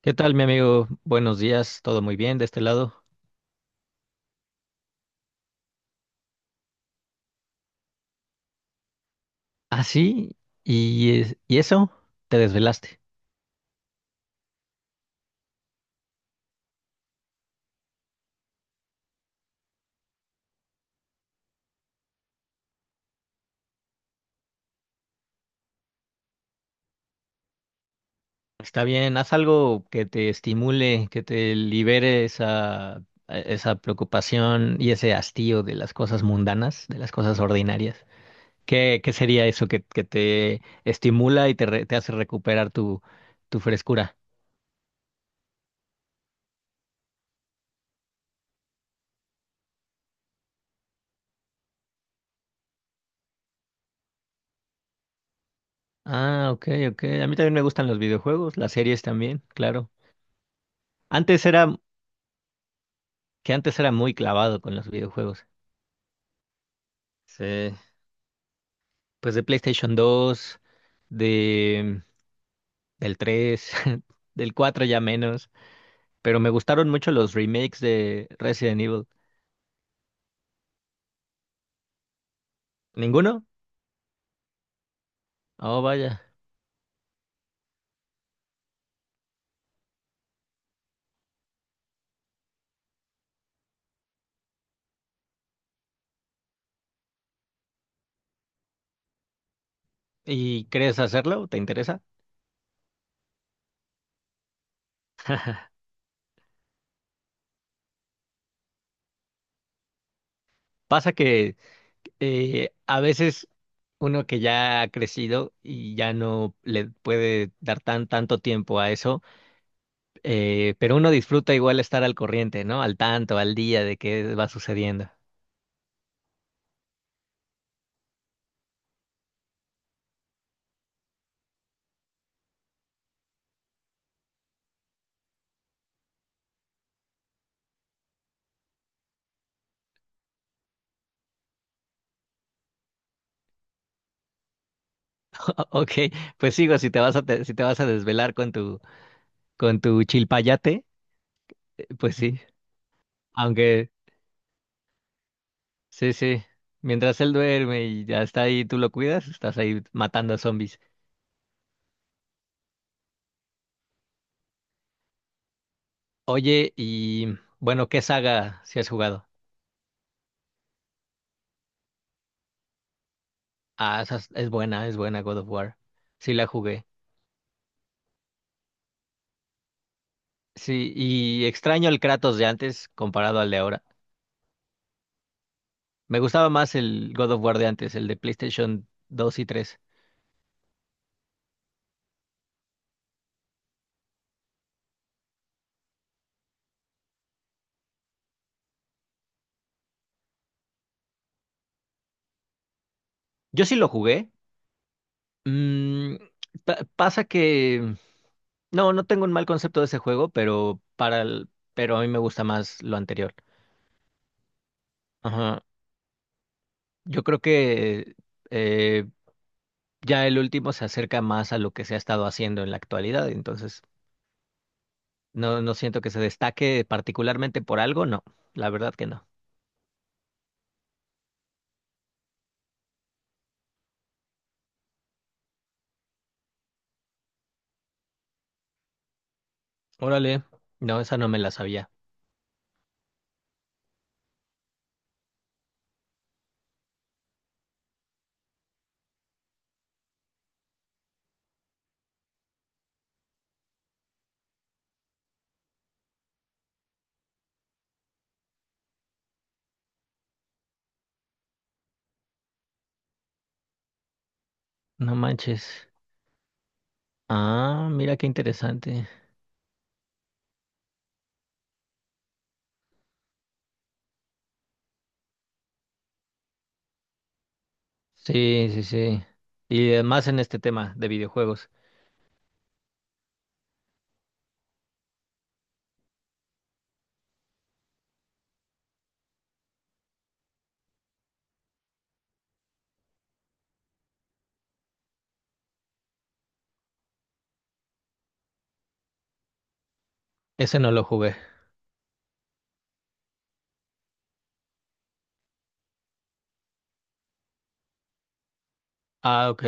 ¿Qué tal, mi amigo? Buenos días, todo muy bien de este lado. Ah, sí, y eso, te desvelaste. Está bien, haz algo que te estimule, que te libere esa preocupación y ese hastío de las cosas mundanas, de las cosas ordinarias. ¿Qué sería eso que te estimula y te hace recuperar tu frescura? Ah, ok, ok. A mí también me gustan los videojuegos, las series también, claro. Antes era, que antes era muy clavado con los videojuegos. Sí, pues de PlayStation 2, de del 3, del 4 ya menos, pero me gustaron mucho los remakes de Resident Evil. ¿Ninguno? Oh, vaya. ¿Y crees hacerlo? ¿Te interesa? Pasa que a veces uno que ya ha crecido y ya no le puede dar tanto tiempo a eso, pero uno disfruta igual estar al corriente, ¿no? Al tanto, al día de qué va sucediendo. Ok, pues sigo, si te vas a te- si te vas a desvelar con tu chilpayate, pues sí. Aunque sí, sí. Mientras él duerme y ya está ahí, tú lo cuidas, estás ahí matando a zombies. Oye, y bueno, ¿qué saga si has jugado? Ah, esa es buena God of War. Sí la jugué. Sí, y extraño el Kratos de antes comparado al de ahora. Me gustaba más el God of War de antes, el de PlayStation dos y tres. Yo sí lo jugué. Mm, Pasa que no, no tengo un mal concepto de ese juego, pero pero a mí me gusta más lo anterior. Ajá. Yo creo que eh, ya el último se acerca más a lo que se ha estado haciendo en la actualidad, entonces no, no siento que se destaque particularmente por algo, no, la verdad que no. Órale, no, esa no me la sabía. No manches. Ah, mira qué interesante. Sí, sí, sí. Y además en este tema de videojuegos, ese no lo jugué. Ah, ok.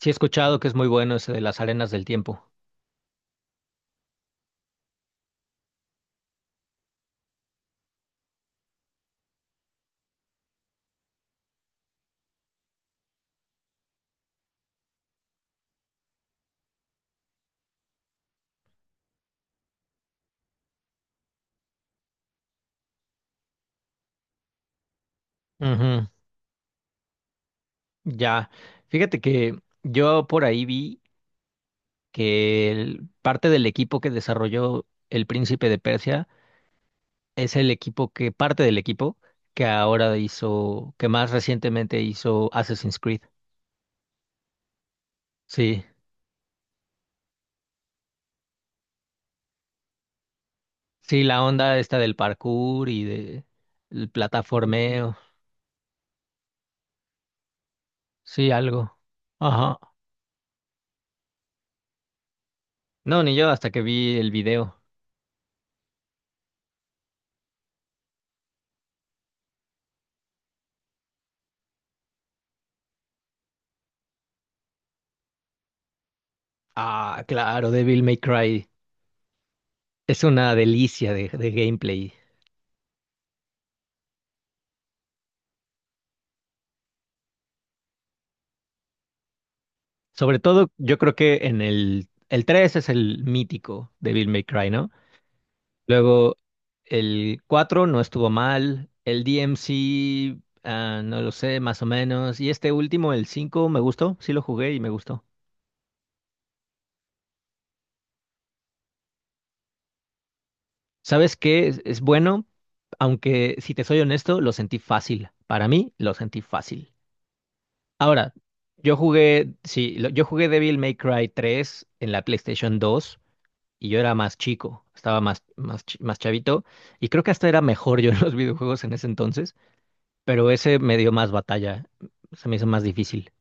Sí he escuchado que es muy bueno ese de las arenas del tiempo. Ujú, ya, fíjate que yo por ahí vi que parte del equipo que desarrolló El Príncipe de Persia es el equipo que, parte del equipo que ahora hizo, que más recientemente hizo Assassin's Creed. Sí, sí, la onda esta del parkour y de el plataformeo, sí, algo. Ajá. No, ni yo hasta que vi el video. Ah, claro, Devil May Cry. Es una delicia de gameplay. Sobre todo, yo creo que en el 3 es el mítico de Devil May Cry, ¿no? Luego, el 4 no estuvo mal, el DMC, ah, no lo sé, más o menos, y este último, el 5 me gustó, sí lo jugué y me gustó. ¿Sabes qué? Es bueno, aunque si te soy honesto, lo sentí fácil. Para mí, lo sentí fácil. Ahora, yo jugué, sí, yo jugué Devil May Cry 3 en la PlayStation 2. Y yo era más chico, estaba más chavito, y creo que hasta era mejor yo en los videojuegos en ese entonces, pero ese me dio más batalla, se me hizo más difícil.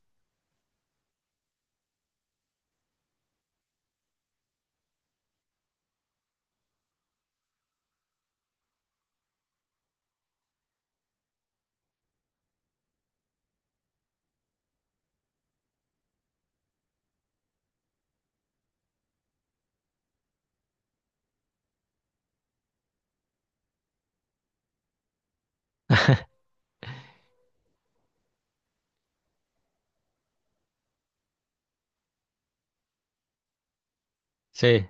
Sí,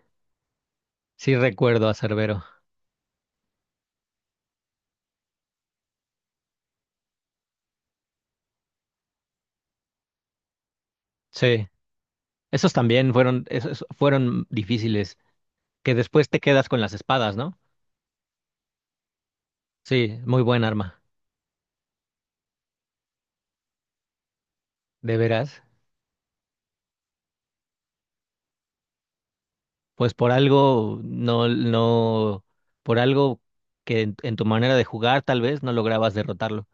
sí recuerdo a Cerbero. Sí, esos también fueron, esos fueron difíciles, que después te quedas con las espadas, ¿no? Sí, muy buen arma, de veras. Pues por algo, no, no, por algo que en tu manera de jugar tal vez no lograbas derrotarlo.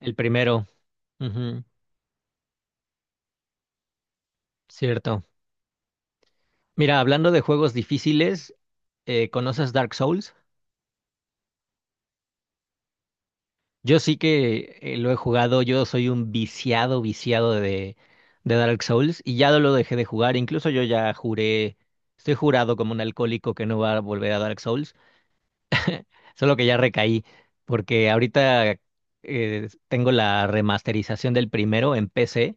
El primero, ujú, cierto. Mira, hablando de juegos difíciles, ¿conoces Dark Souls? Yo sí que lo he jugado, yo soy un viciado, viciado de Dark Souls y ya lo dejé de jugar, incluso yo ya juré, estoy jurado como un alcohólico que no va a volver a Dark Souls, solo que ya recaí, porque ahorita tengo la remasterización del primero en PC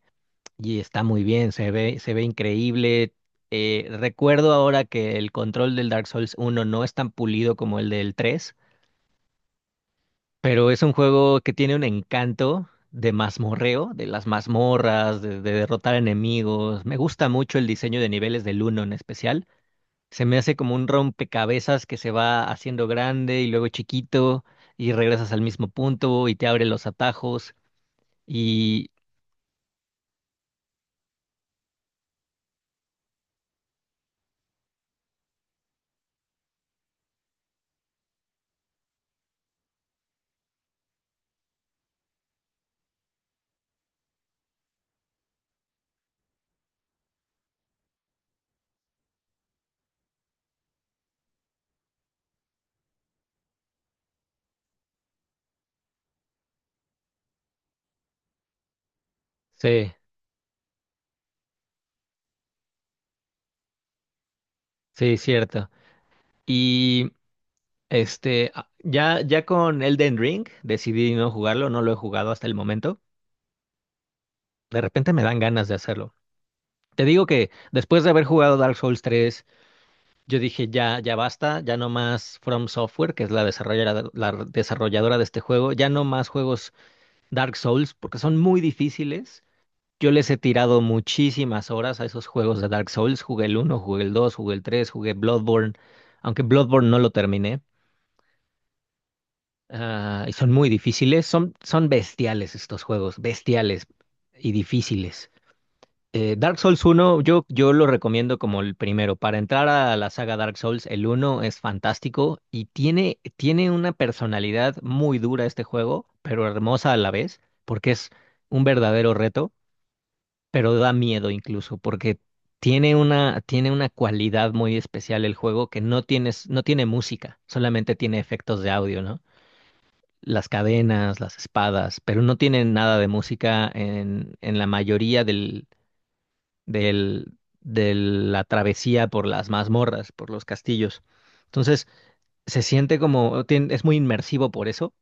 y está muy bien, se ve increíble. Recuerdo ahora que el control del Dark Souls uno no es tan pulido como el del 3. Pero es un juego que tiene un encanto de mazmorreo, de las mazmorras, de derrotar enemigos. Me gusta mucho el diseño de niveles del uno en especial. Se me hace como un rompecabezas que se va haciendo grande y luego chiquito y regresas al mismo punto y te abre los atajos. Y sí, sí, cierto. Y este, ya, ya con Elden Ring decidí no jugarlo, no lo he jugado hasta el momento. De repente me dan ganas de hacerlo. Te digo que después de haber jugado Dark Souls 3, yo dije ya, ya basta, ya no más From Software, que es la desarrolladora de este juego, ya no más juegos Dark Souls, porque son muy difíciles. Yo les he tirado muchísimas horas a esos juegos de Dark Souls. Jugué el uno, jugué el 2, jugué el 3, jugué Bloodborne, aunque Bloodborne no lo terminé. Ah, y son muy difíciles, son bestiales estos juegos, bestiales y difíciles. Dark Souls uno yo lo recomiendo como el primero. Para entrar a la saga Dark Souls, el uno es fantástico y tiene una personalidad muy dura este juego, pero hermosa a la vez, porque es un verdadero reto, pero da miedo incluso, porque tiene una cualidad muy especial el juego que no tiene música, solamente tiene efectos de audio, ¿no? Las cadenas, las espadas, pero no tiene nada de música en la mayoría del, de la travesía por las mazmorras, por los castillos. Entonces, se siente como, es muy inmersivo por eso,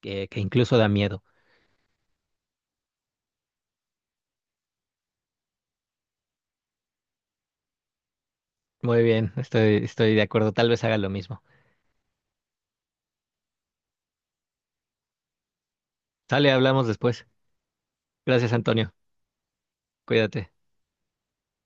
que incluso da miedo. Muy bien, estoy de acuerdo, tal vez haga lo mismo. Sale, hablamos después. Gracias, Antonio. Cuídate.